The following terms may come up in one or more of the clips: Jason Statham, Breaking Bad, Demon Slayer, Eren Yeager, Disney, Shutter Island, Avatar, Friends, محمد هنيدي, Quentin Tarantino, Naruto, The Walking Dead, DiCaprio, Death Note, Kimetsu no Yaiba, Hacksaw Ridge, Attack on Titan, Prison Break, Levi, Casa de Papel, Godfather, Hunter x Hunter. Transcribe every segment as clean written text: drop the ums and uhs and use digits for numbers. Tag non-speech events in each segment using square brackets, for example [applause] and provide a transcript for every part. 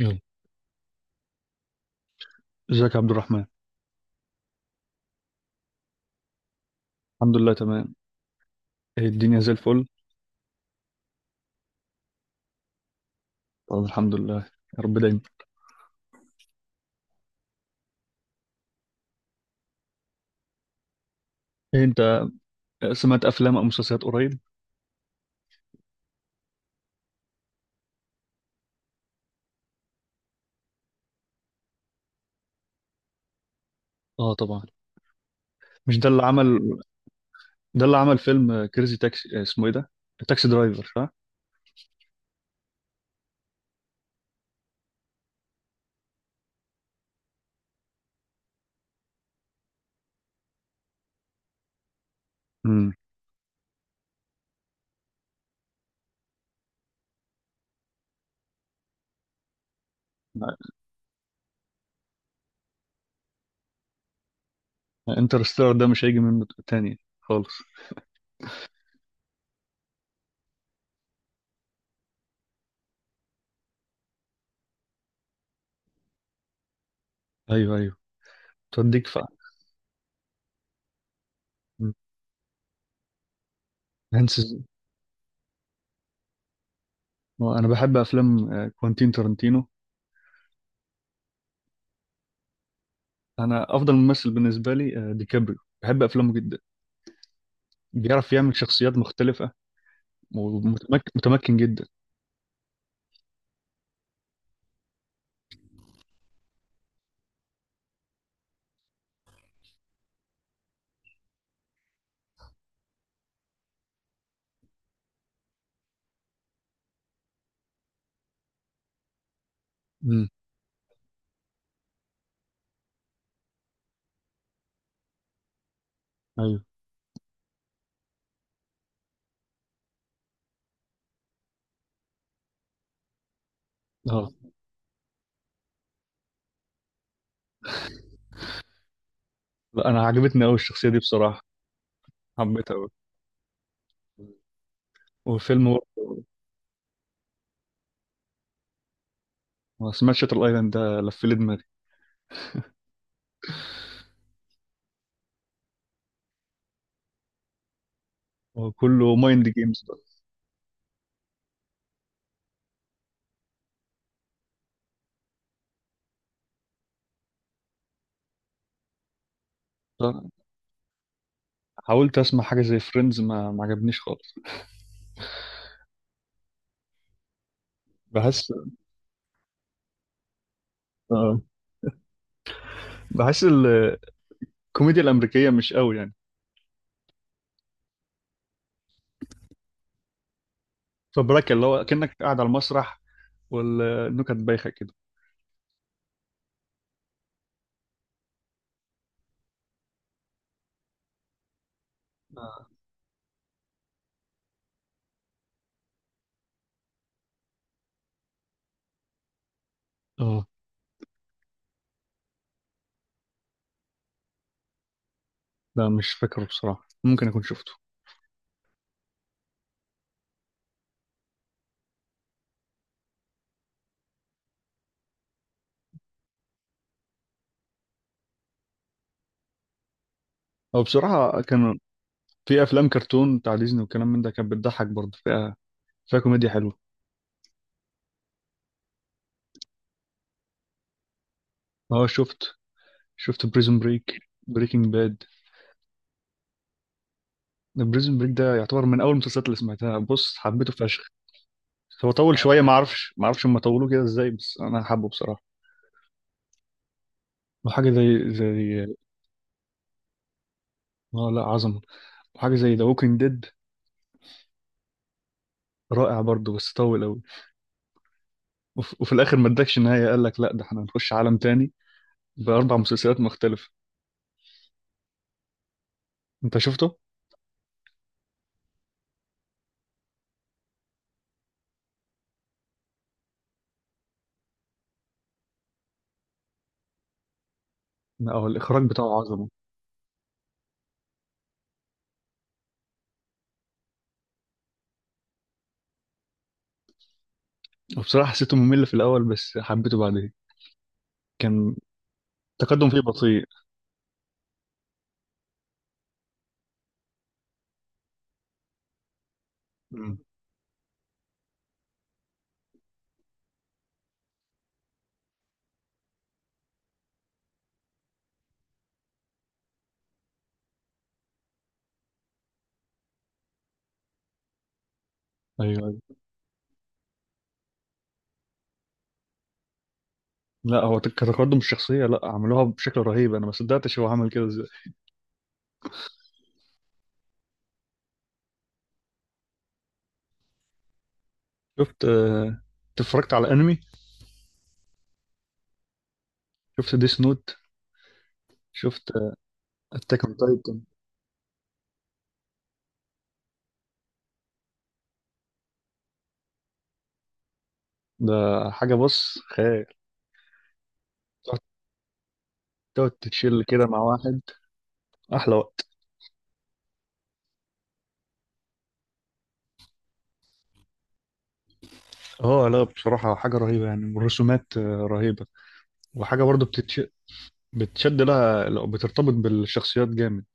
يلا، ازيك يا عبد الرحمن؟ الحمد لله تمام. إيه الدنيا زي الفل؟ طب الحمد لله، يا رب دايما. إيه، انت سمعت افلام او مسلسلات قريب؟ اه طبعا، مش ده اللي عمل؟ ده اللي عمل فيلم كريزي تاكسي، اسمه ايه ده؟ تاكسي درايفر، صح؟ امم. انترستيلر ده مش هيجي منه تاني خالص. ايوه، ايوه، توديك مم. هنس ز- انا بحب افلام كوانتين تارانتينو. انا افضل ممثل بالنسبه لي ديكابريو. بحب افلامه جدا. بيعرف يعمل شخصيات مختلفه، ومتمكن متمكن جدا. امم. اه. لا، انا عجبتني قوي الشخصيه دي بصراحه. حبيتها قوي. والفيلم برضه، ما سمعت شاتر ايلاند ده لف لي دماغي. هو كله مايند جيمز ده. حاولت اسمع حاجه زي فريندز ما عجبنيش خالص. بحس. آه. بحس الكوميديا الامريكيه مش قوي يعني. فبراك اللي هو كانك قاعد على المسرح والنكت بايخه كده. اه. لا مش فاكره بصراحه، ممكن اكون شفته. هو بصراحه كان في افلام كرتون بتاع ديزني وكلام من ده، كانت بتضحك برضه فيها، فيها كوميديا حلوه. اه، شفت بريزون بريك، بريكنج باد. بريزون بريك ده يعتبر من اول المسلسلات اللي سمعتها، بص حبيته فشخ. هو طول شويه، ما اعرفش هم طولوه كده ازاي، بس انا حابه بصراحه. وحاجه زي اه، لا عظمه. وحاجه زي ذا ووكينج ديد، رائع برضه بس طول قوي. وفي الاخر ما ادكش نهايه، قال لك لا ده احنا هنخش عالم تاني باربع مسلسلات مختلفه. انت شفته؟ لا هو الاخراج بتاعه عظمه. وبصراحه حسيته ممل في الاول بس حبيته بعدين. كان التقدم فيه بطيء. مم. ايوه أيوه. لا هو كتقدم الشخصية، لا عملوها بشكل رهيب، انا ما صدقتش هو عمل كده ازاي. شفت أنت اتفرجت على انمي؟ شفت ديس نوت؟ شفت؟ اتاك اون تايتن؟ ده حاجة بص، خيال. تقعد تقعد تتشيل كده مع واحد احلى وقت. اه لا بصراحة حاجة رهيبة يعني، والرسومات رهيبة. وحاجة برضه بتشد لها لو بترتبط بالشخصيات جامد.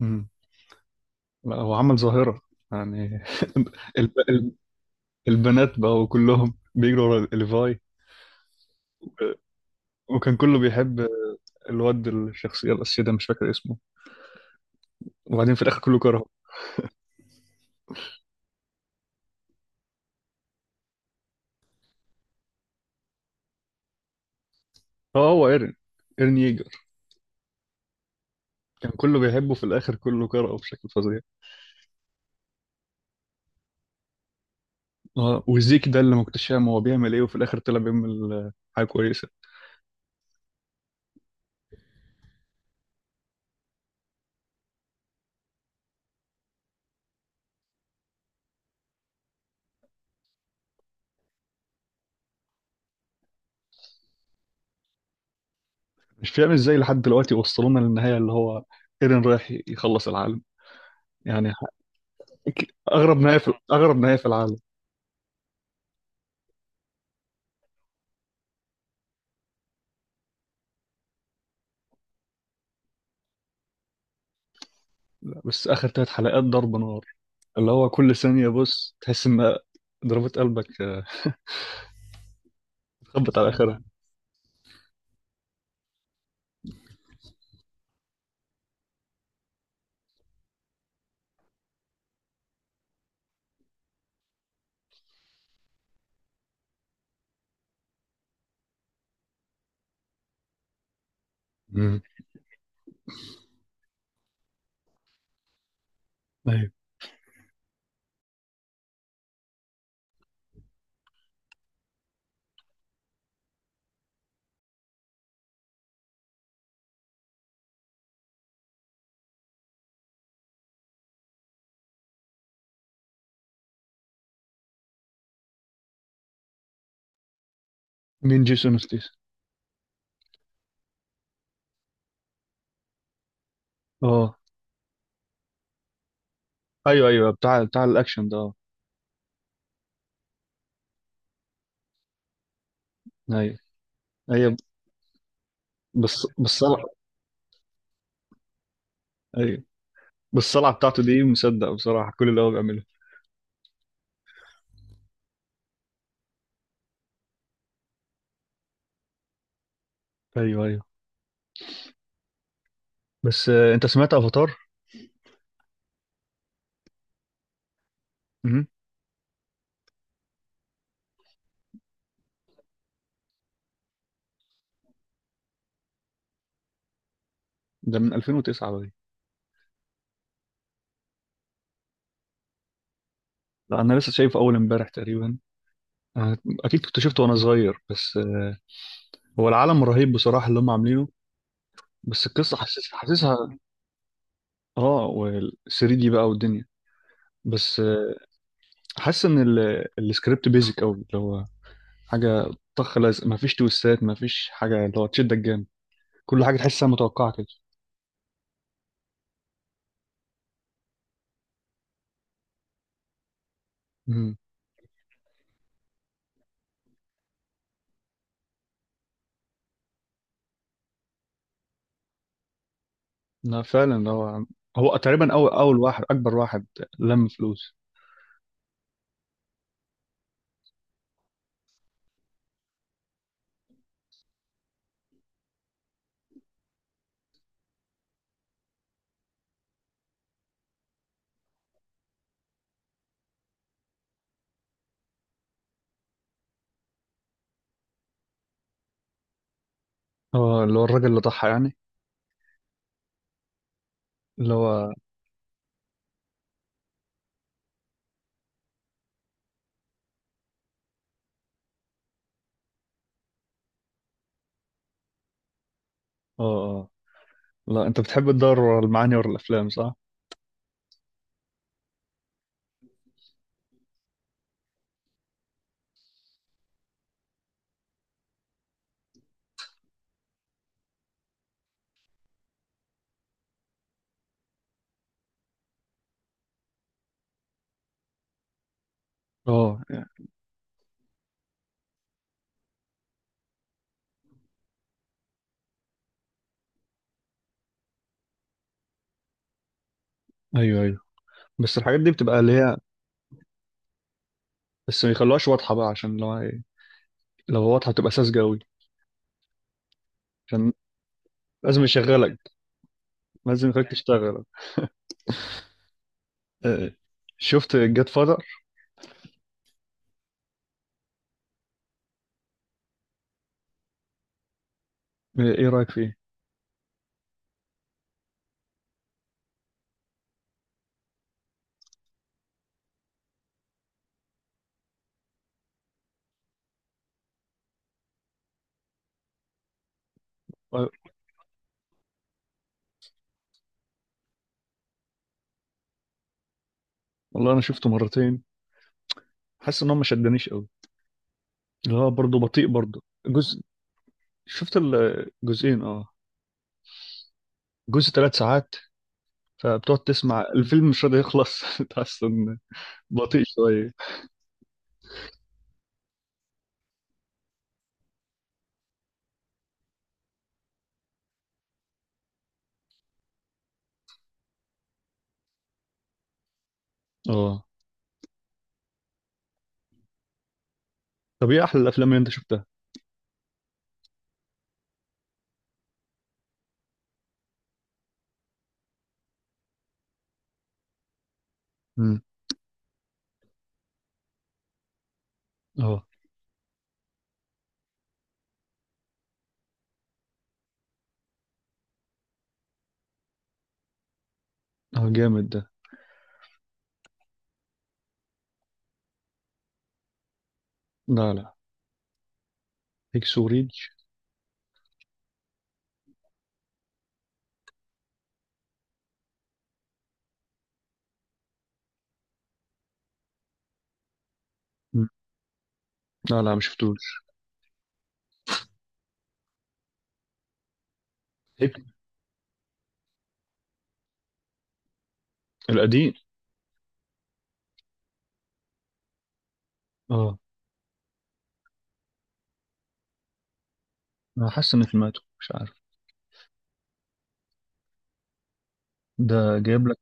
امم. لا هو عمل ظاهرة. يعني [laughs] الب... الب... البنات بقوا كلهم بيجروا ورا ليفاي، وكان كله بيحب الواد الشخصية الأساسية ده، مش فاكر اسمه. وبعدين في الآخر كله كرهه. اه هو ايرين ييجر. كان كله بيحبه، في الآخر كله كرهه بشكل فظيع. اه، وزيك ده اللي ما كنتش فاهم هو بيعمل ايه، وفي الآخر طلع بيعمل حاجة كويسة. مش فاهم ازاي لحد دلوقتي وصلونا للنهاية، اللي هو ايرين رايح يخلص العالم. يعني أغرب نهاية في العالم. بس آخر ثلاث حلقات ضرب نار، اللي هو كل ثانية بص تحس إن ضربات قلبك خبط على آخرها. مم. أيوة. مين جيسون ستيس؟ اه ايوه ايوه، بتاع الاكشن ده، اه. ايوه ايوه بس بالصلع. ايوه، بالصلع بتاعته دي مصدق بصراحه كل اللي هو بيعمله. ايوه ايوه، بس انت سمعت افاتار؟ مهم. ده من 2009 بقى. لا انا لسه شايفه اول امبارح تقريبا. آه، اكيد كنت شفته وانا صغير، بس هو العالم رهيب بصراحه اللي هم عاملينه، بس القصه حاسسها. اه، وال 3 دي بقى والدنيا، بس حاسس ان السكريبت بيزك قوي، اللي هو حاجه طخ لازق، مفيش تويستات، مفيش حاجه اللي هو تشدك جامد. كل حاجه تحسها متوقعه كده. امم. لا فعلا، هو تقريبا اول اول واحد، اكبر واحد لم فلوس. اه، اللي هو الراجل اللي ضحى يعني، اللي هو. اه اه، لا انت بتحب تدور ورا المعاني ورا الافلام، صح؟ اه ايوه ايوه، بس الحاجات دي بتبقى اللي هي، بس ما يخلوهاش واضحه بقى، عشان لو لو واضحه بتبقى ساذجه قوي. عشان لازم يشغلك، لازم يخليك تشتغل. آه. شفت جاد فاذر؟ ايه رايك فيه؟ آه، والله انا شفته مرتين، حاسس ان هو ما شدنيش قوي، اللي هو برضه بطيء برضه، جزء. شفت الجزئين، اه. جزء ثلاث ساعات، فبتقعد تسمع الفيلم مش راضي يخلص [laughs] تحس ان بطيء شويه. اه. طب ايه احلى الافلام اللي انت شفتها؟ امم. اه. اه جامد ده. لا، لا، هيكس وريدج. مم. لا، لا، ما شفتوش. هيك القديم. اه. انا حاسس ان سمعته، مش عارف. ده جايب لك.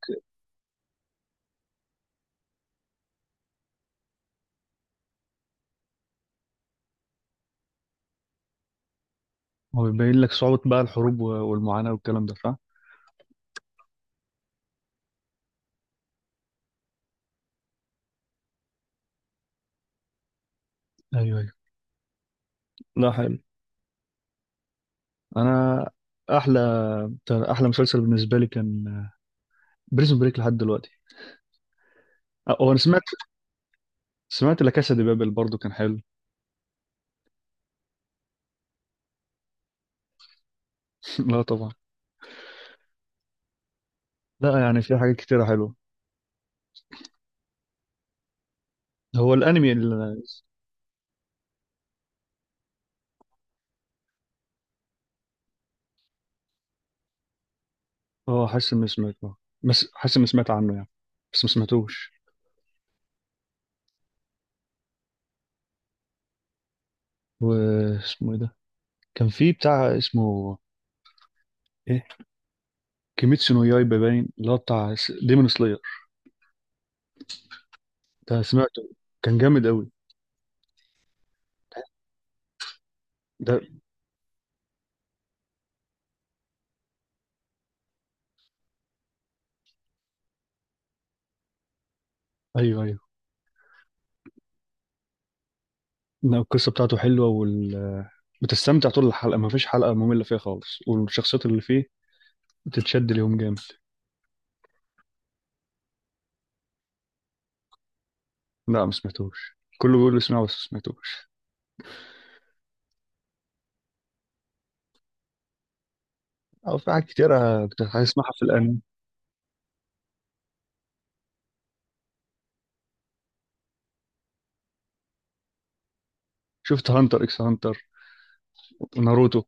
هو بيبين لك صعوبة بقى الحروب والمعاناة والكلام ده، صح؟ ايوه ايوه. لا حلو. انا، احلى احلى مسلسل بالنسبة لي كان بريزون بريك لحد دلوقتي. هو انا سمعت لا كاسا دي بابل برضو، كان حلو. [laughs] لا طبعا. لا يعني في حاجات كتيرة حلوة. هو الانمي اللي اه، حاسس اني سمعته، بس حاسس اني سمعت عنه يعني، بس ما سمعتوش. واسمه ايه ده؟ كان في بتاع اسمه ايه، كيميتسو نو يايبا، باين اللي هو بتاع ديمون سلاير. ده سمعته، كان جامد قوي. ده ايوه ايوه. لا، القصة بتاعته حلوة وال، بتستمتع طول الحلقة، ما فيش حلقة مملة فيها خالص، والشخصيات اللي فيه بتتشد ليهم جامد. لا ما سمعتوش، كله بيقول لي اسمعه بس ما سمعتوش. أو في حاجات كتيرة كنت هسمعها في الأنمي. شفت هانتر إكس هانتر، ناروتو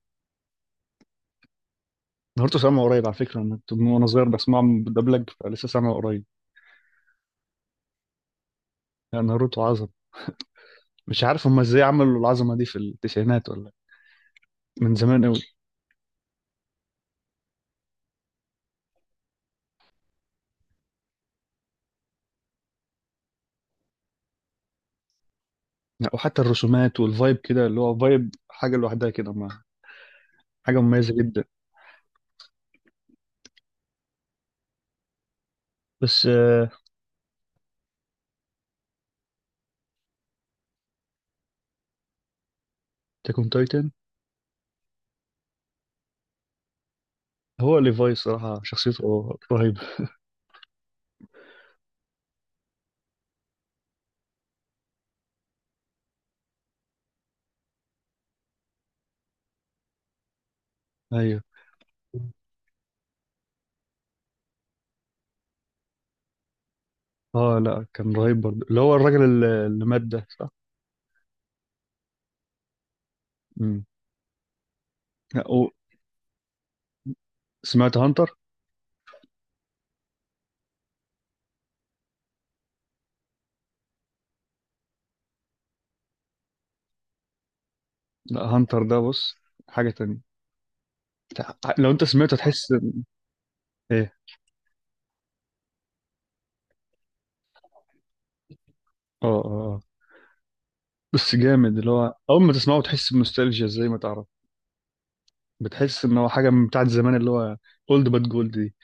ناروتو سامعه قريب، على فكرة أنا كنت من وأنا صغير بسمعه مدبلج فلسه سامعه قريب. يعني ناروتو عظمة. مش عارف هما إزاي عملوا العظمة دي في التسعينات ولا، من زمان قوي. يعني وحتى الرسومات والفايب كده، اللي هو فايب حاجة لوحدها كده، ما حاجة مميزة جدا. بس تاكون تايتن. هو ليفاي صراحة شخصيته رهيبة. أيوه. اه لا كان رهيب برضه، اللي هو الراجل اللي مات ده، صح؟ امم. لا، سمعت هانتر. لا هانتر ده بص، حاجة تانية. لو انت سمعته تحس ايه. اه اه. آه. بس جامد، اللي هو اول ما تسمعه تحس بنوستالجيا زي ما تعرف. بتحس ان هو حاجة من بتاعت زمان، اللي هو اولد باد جولد دي.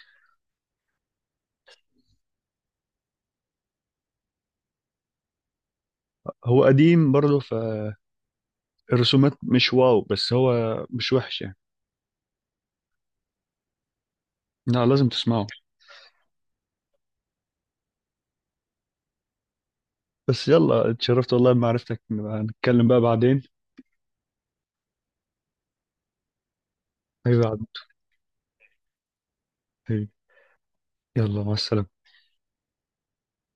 هو قديم برضه، فالرسومات مش واو، بس هو مش وحش يعني. لا لازم تسمعه. بس يلا، اتشرفت والله بمعرفتك، نبقى نتكلم بقى بعدين. هي بعد. هي. يلا، مع السلامة.